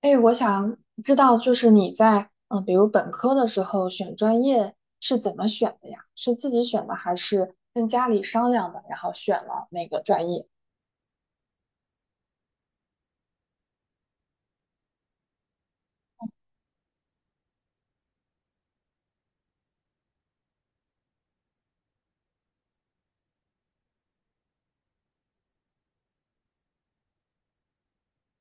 哎，我想知道，就是你在比如本科的时候选专业是怎么选的呀？是自己选的，还是跟家里商量的，然后选了那个专业？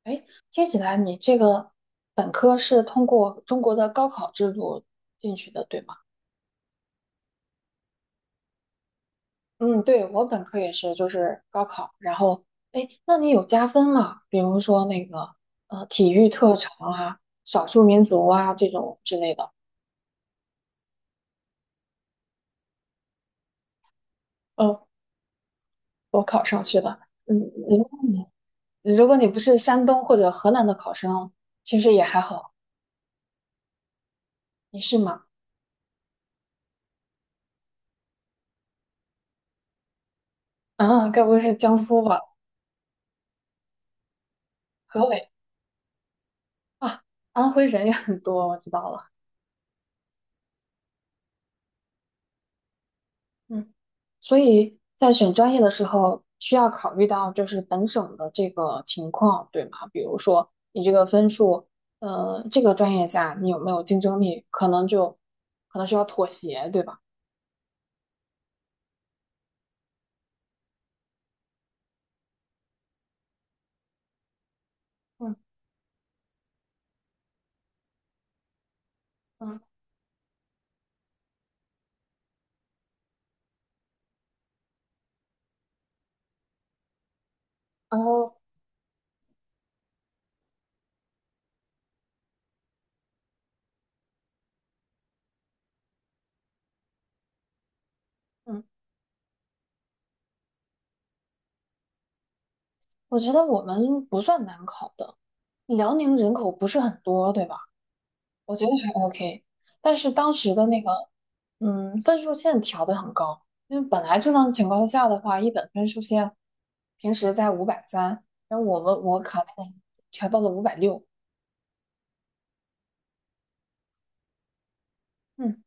哎，听起来你这个本科是通过中国的高考制度进去的，对吗？嗯，对，我本科也是，就是高考，然后哎，那你有加分吗？比如说那个体育特长啊、少数民族啊这种之类的。嗯，我考上去的。嗯，如果你不是山东或者河南的考生，其实也还好。你是吗？嗯，该不会是江苏吧？河北啊，安徽人也很多，我知道了。嗯，所以在选专业的时候，需要考虑到就是本省的这个情况，对吗？比如说你这个分数，这个专业下你有没有竞争力，可能需要妥协，对吧？嗯嗯，然后嗯，我觉得我们不算难考的，辽宁人口不是很多，对吧？我觉得还 OK，但是当时的那个，分数线调得很高，因为本来正常情况下的话，一本分数线平时在530，然后我考那个调到了560。嗯，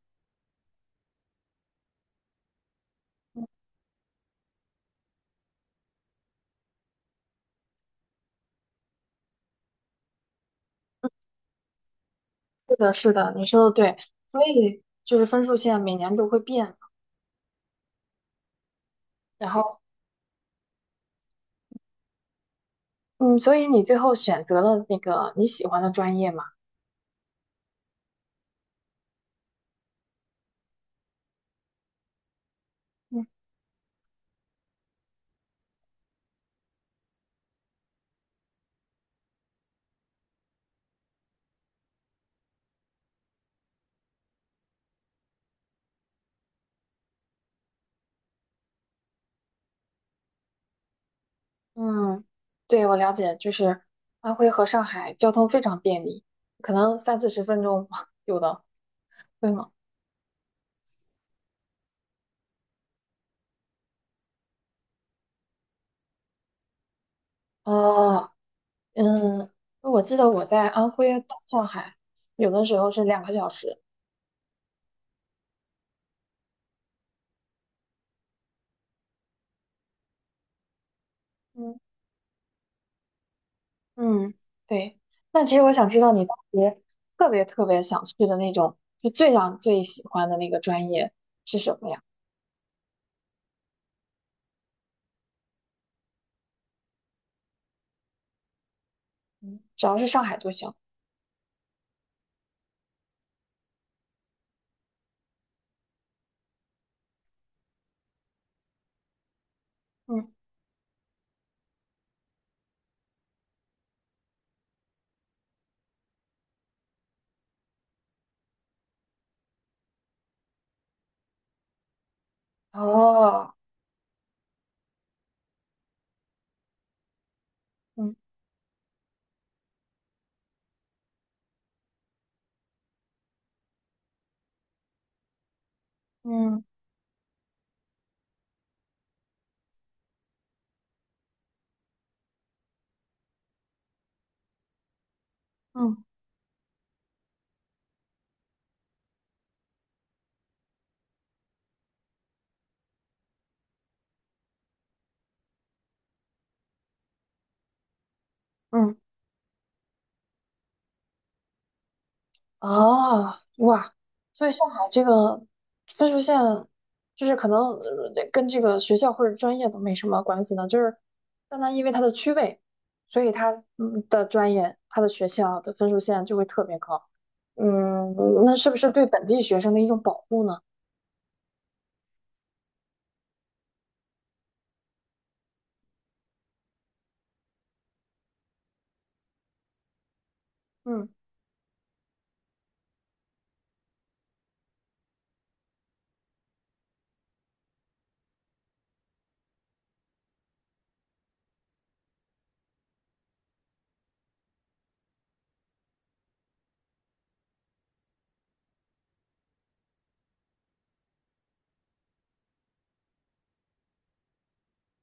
是的，是的，你说的对，所以就是分数线每年都会变嘛，然后嗯，所以你最后选择了那个你喜欢的专业嘛？嗯嗯，对，我了解，就是安徽和上海交通非常便利，可能三四十分钟 有的，对吗？哦，嗯，我记得我在安徽到上海，有的时候是2个小时。嗯嗯，对。那其实我想知道你当时特别特别想去的那种，就最想最喜欢的那个专业是什么呀？嗯，只要是上海就行。嗯，哦，嗯嗯嗯嗯。哦，哇，所以上海这个分数线，就是可能跟这个学校或者专业都没什么关系呢，就是单单因为它的区位，所以它的专业、它的学校的分数线就会特别高。嗯，那是不是对本地学生的一种保护呢？嗯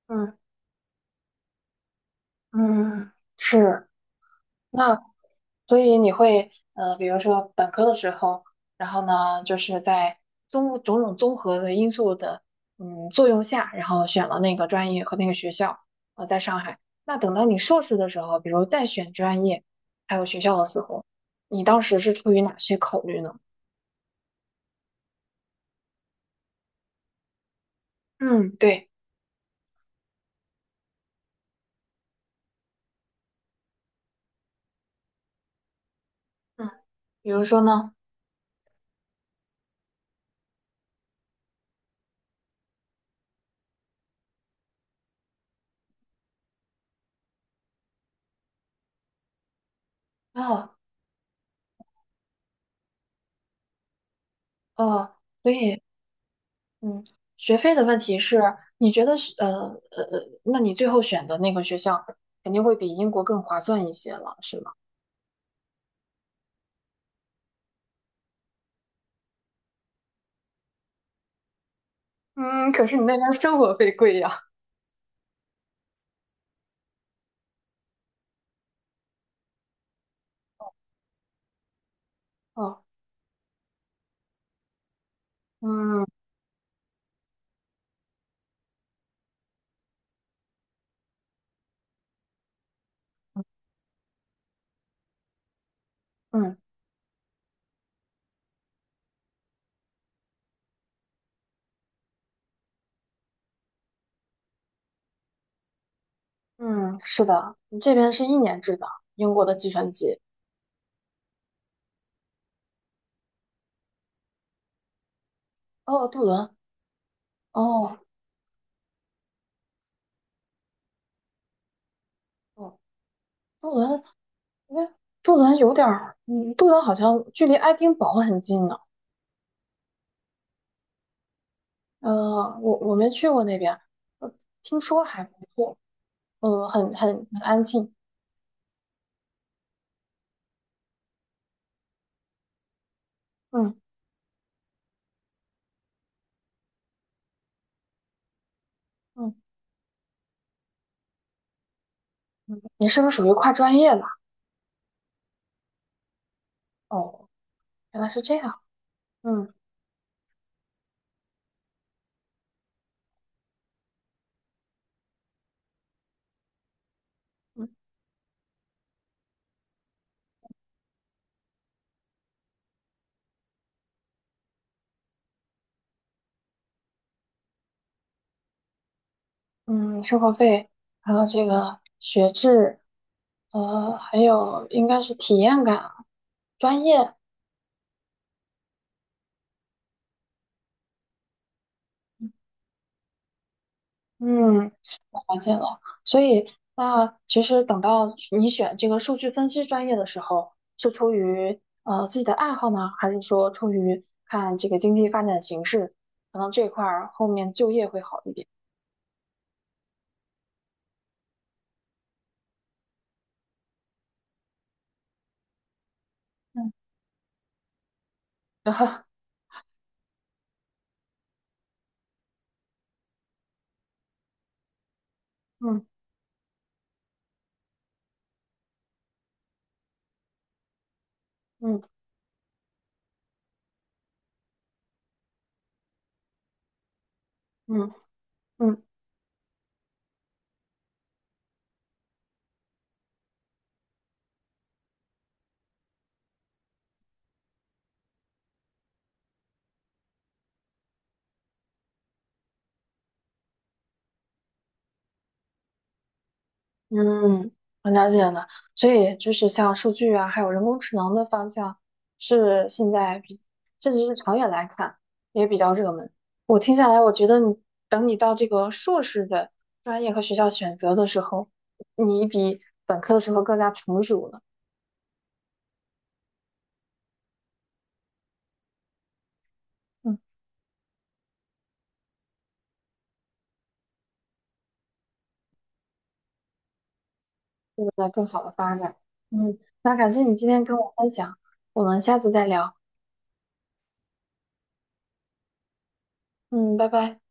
嗯嗯，嗯是。那所以你会，比如说本科的时候，然后呢，就是在种种综合的因素的，作用下，然后选了那个专业和那个学校，在上海。那等到你硕士的时候，比如再选专业还有学校的时候，你当时是出于哪些考虑呢？嗯，对，嗯，比如说呢，哦哦，所以。嗯，学费的问题是，你觉得是那你最后选的那个学校肯定会比英国更划算一些了，是吗？嗯，可是你那边生活费贵呀。哦，嗯嗯嗯，是的，你这边是1年制的，英国的计算机。哦，杜伦，哦哦，杜伦，哎，杜伦有点儿，杜伦好像距离爱丁堡很近呢。我没去过那边，呃，听说还不错，很安静。嗯嗯。你是不是属于跨专业的？哦，原来是这样。嗯嗯嗯，生活费，还有这个学制，还有应该是体验感、专业。嗯，我发现了。所以，那其实等到你选这个数据分析专业的时候，是出于自己的爱好呢，还是说出于看这个经济发展形势，可能这块儿后面就业会好一点？嗯，然后嗯嗯嗯嗯。嗯，我了解了，所以就是像数据啊，还有人工智能的方向，是现在比，甚至是长远来看也比较热门。我听下来，我觉得等你到这个硕士的专业和学校选择的时候，你比本科的时候更加成熟了，嗯，有了更好的发展。嗯，那感谢你今天跟我分享，我们下次再聊。嗯，拜拜。